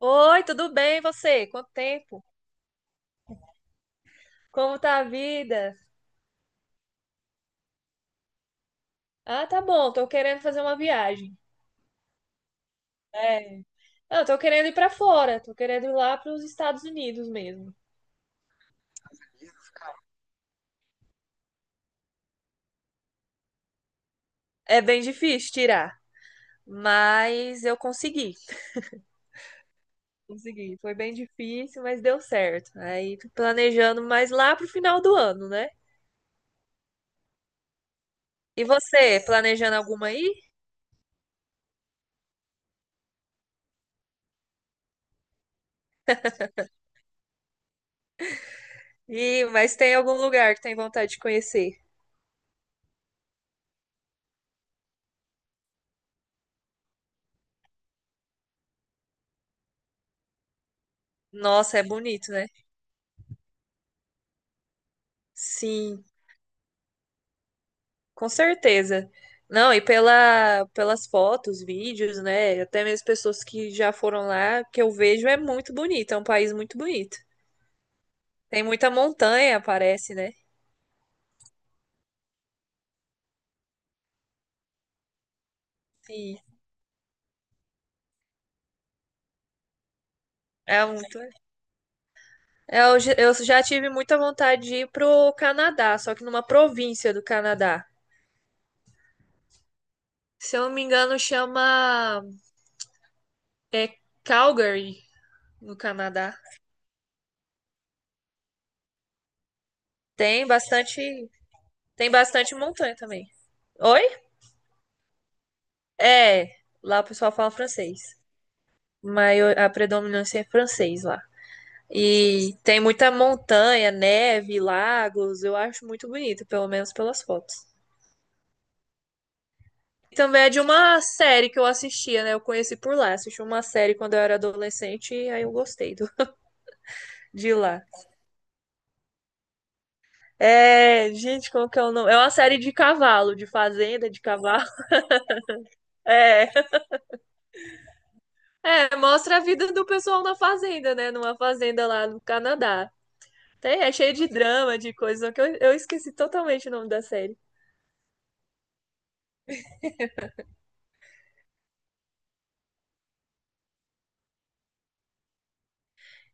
Oi, tudo bem? E você? Quanto tempo? Como tá a vida? Ah, tá bom, tô querendo fazer uma viagem. É. Eu tô querendo ir pra fora, tô querendo ir lá pros Estados Unidos mesmo. É bem difícil tirar, mas eu consegui. Consegui. Foi bem difícil, mas deu certo. Aí tô planejando mais lá pro final do ano, né? E você, planejando alguma aí? Ih, mas tem algum lugar que tem vontade de conhecer? Nossa, é bonito, né? Sim. Com certeza. Não, e pelas fotos, vídeos, né? Até mesmo pessoas que já foram lá, que eu vejo é muito bonito, é um país muito bonito. Tem muita montanha, parece, né? E é muito. Eu já tive muita vontade de ir pro Canadá, só que numa província do Canadá. Se eu não me engano, chama é Calgary, no Canadá. Tem bastante, tem bastante montanha também. Oi? É, lá o pessoal fala francês. A predominância é francês lá. E tem muita montanha, neve, lagos. Eu acho muito bonito, pelo menos pelas fotos. E também é de uma série que eu assistia, né? Eu conheci por lá. Assisti uma série quando eu era adolescente e aí eu gostei de lá. É, gente, como que é o nome? É uma série de cavalo, de fazenda, de cavalo. É, mostra a vida do pessoal na fazenda, né? Numa fazenda lá no Canadá. Tem, é cheio de drama, de coisas, que eu esqueci totalmente o nome da série.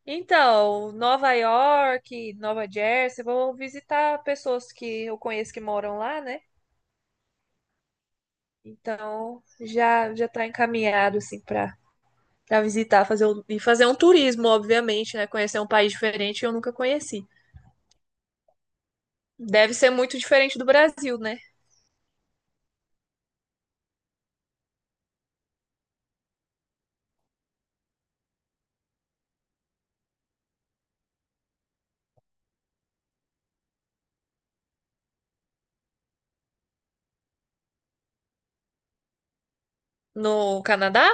Então, Nova York, Nova Jersey, vou visitar pessoas que eu conheço que moram lá, né? Então, já já tá encaminhado assim para visitar, e fazer um turismo, obviamente, né? Conhecer um país diferente que eu nunca conheci. Deve ser muito diferente do Brasil, né? No Canadá?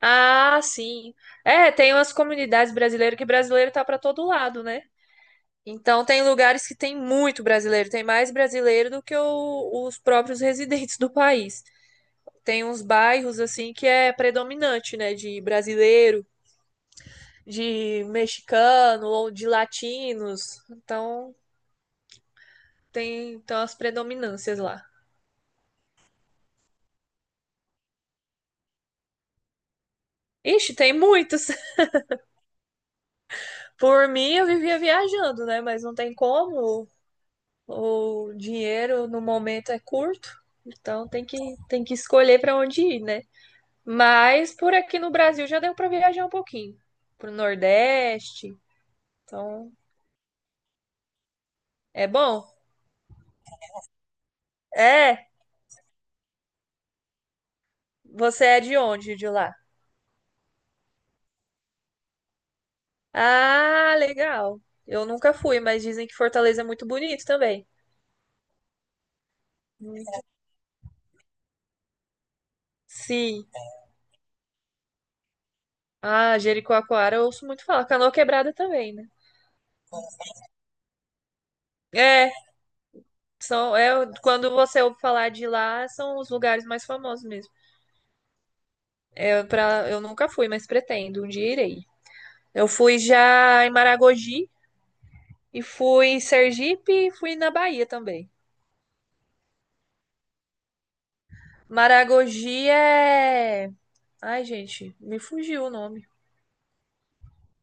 Ah, sim. É, tem umas comunidades brasileiras que brasileiro tá para todo lado, né? Então tem lugares que tem muito brasileiro, tem mais brasileiro do que os próprios residentes do país. Tem uns bairros assim que é predominante, né, de brasileiro, de mexicano ou de latinos. Então tem então as predominâncias lá. Ixi, tem muitos. Por mim eu vivia viajando, né, mas não tem como. O dinheiro no momento é curto, então tem que escolher para onde ir, né? Mas por aqui no Brasil já deu para viajar um pouquinho pro Nordeste. Então, é bom. É, você é de onde de lá? Ah, legal. Eu nunca fui, mas dizem que Fortaleza é muito bonito também. Hum. Sim. Ah, Jericoacoara eu ouço muito falar. Canoa Quebrada também, né? É, são, é, quando você ouve falar de lá, são os lugares mais famosos mesmo. Eu nunca fui, mas pretendo, um dia irei. Eu fui já em Maragogi e fui em Sergipe e fui na Bahia também. Maragogi é. Ai, gente, me fugiu o nome.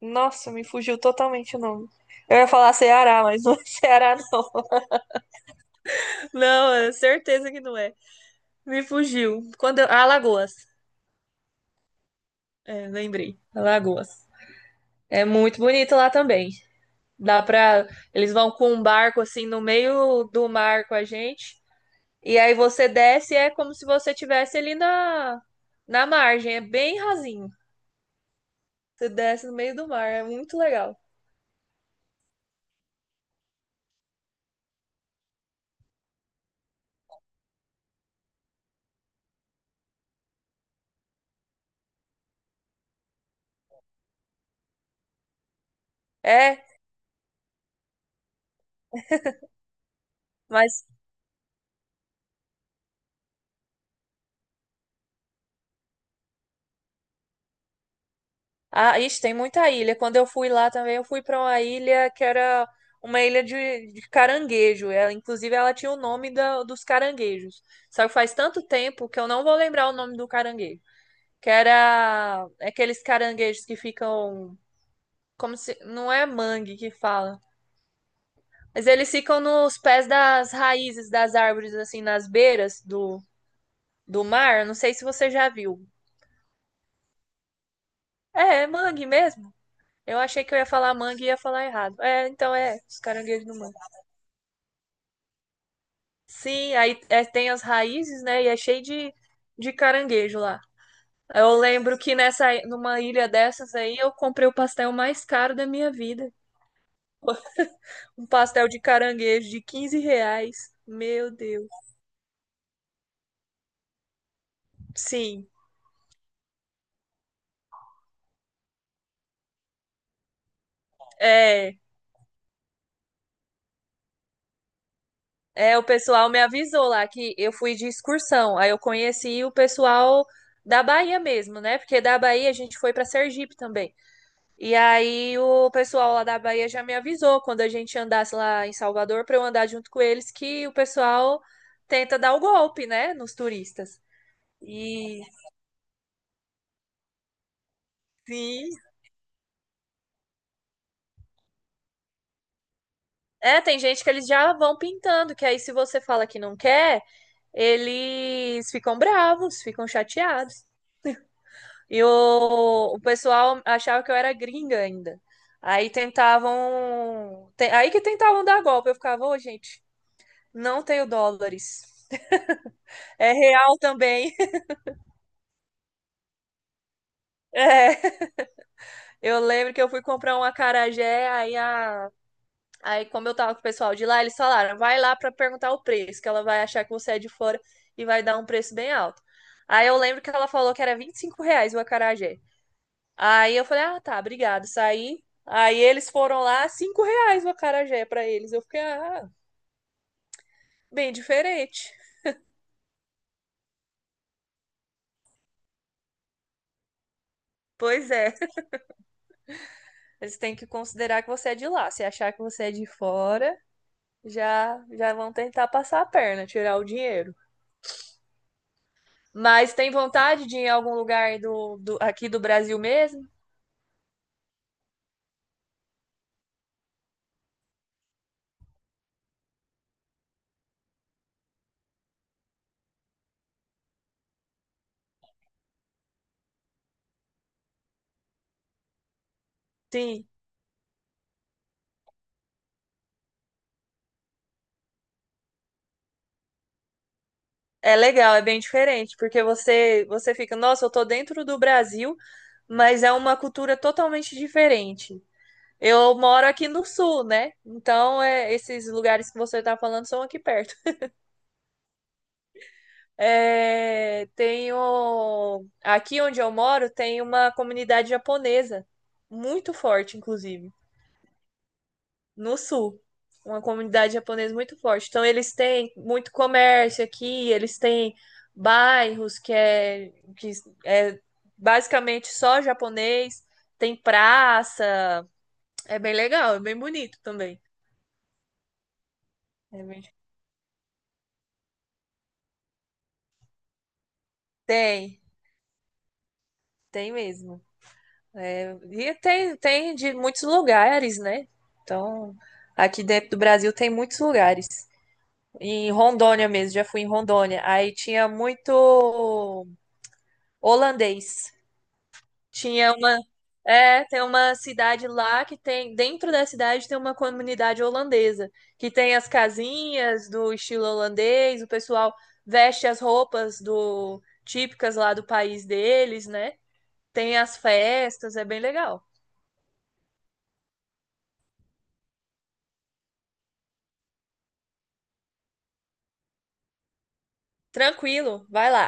Nossa, me fugiu totalmente o nome. Eu ia falar Ceará, mas não é Ceará, não. Não, é certeza que não é. Me fugiu. Quando eu... Alagoas. É, lembrei. Alagoas. É muito bonito lá também. Dá pra. Eles vão com um barco assim no meio do mar com a gente. E aí você desce e é como se você estivesse ali na... na margem. É bem rasinho. Você desce no meio do mar. É muito legal. É, mas ah, isso tem muita ilha. Quando eu fui lá também, eu fui para uma ilha que era uma ilha de caranguejo. Ela, inclusive, ela tinha o nome dos caranguejos. Só que faz tanto tempo que eu não vou lembrar o nome do caranguejo. Que era aqueles caranguejos que ficam como se não é mangue que fala, mas eles ficam nos pés das raízes das árvores, assim, nas beiras do mar. Eu não sei se você já viu. É, é mangue mesmo. Eu achei que eu ia falar mangue e ia falar errado. É, então, os caranguejos do mangue. Sim, aí é, tem as raízes, né? E é cheio de caranguejo lá. Eu lembro que nessa, numa ilha dessas aí eu comprei o pastel mais caro da minha vida. Um pastel de caranguejo de R$ 15. Meu Deus. Sim, é. É, o pessoal me avisou lá que eu fui de excursão. Aí eu conheci o pessoal da Bahia mesmo, né? Porque da Bahia a gente foi para Sergipe também. E aí o pessoal lá da Bahia já me avisou quando a gente andasse lá em Salvador para eu andar junto com eles que o pessoal tenta dar o golpe, né, nos turistas. E sim, tem gente que eles já vão pintando, que aí se você fala que não quer, eles ficam bravos, ficam chateados. E o pessoal achava que eu era gringa ainda. Aí tentavam, aí que tentavam dar golpe, eu ficava, ô, gente, não tenho dólares. É real também. É, eu lembro que eu fui comprar um acarajé, aí como eu tava com o pessoal de lá, eles falaram, vai lá pra perguntar o preço, que ela vai achar que você é de fora e vai dar um preço bem alto. Aí eu lembro que ela falou que era R$ 25 o acarajé. Aí eu falei, ah, tá, obrigado, saí. Aí eles foram lá, R$ 5 o acarajé pra eles. Eu fiquei, ah, bem diferente. Pois é, eles têm que considerar que você é de lá. Se achar que você é de fora, já vão tentar passar a perna, tirar o dinheiro. Mas tem vontade de ir em algum lugar aqui do Brasil mesmo? Sim. É legal, é bem diferente, porque você fica, nossa, eu tô dentro do Brasil, mas é uma cultura totalmente diferente. Eu moro aqui no sul, né? Então, esses lugares que você tá falando são aqui perto. É, aqui onde eu moro tem uma comunidade japonesa, muito forte, inclusive. No sul. Uma comunidade japonesa muito forte. Então, eles têm muito comércio aqui, eles têm bairros que é basicamente só japonês, tem praça. É bem legal, é bem bonito também. É bem- Tem, tem mesmo. É, e tem de muitos lugares, né? Então, aqui dentro do Brasil tem muitos lugares. Em Rondônia mesmo, já fui em Rondônia. Aí tinha muito holandês. Tinha uma, Tem uma cidade lá que tem, dentro da cidade tem uma comunidade holandesa, que tem as casinhas do estilo holandês, o pessoal veste as roupas do típicas lá do país deles, né? Tem as festas, é bem legal. Tranquilo, vai lá.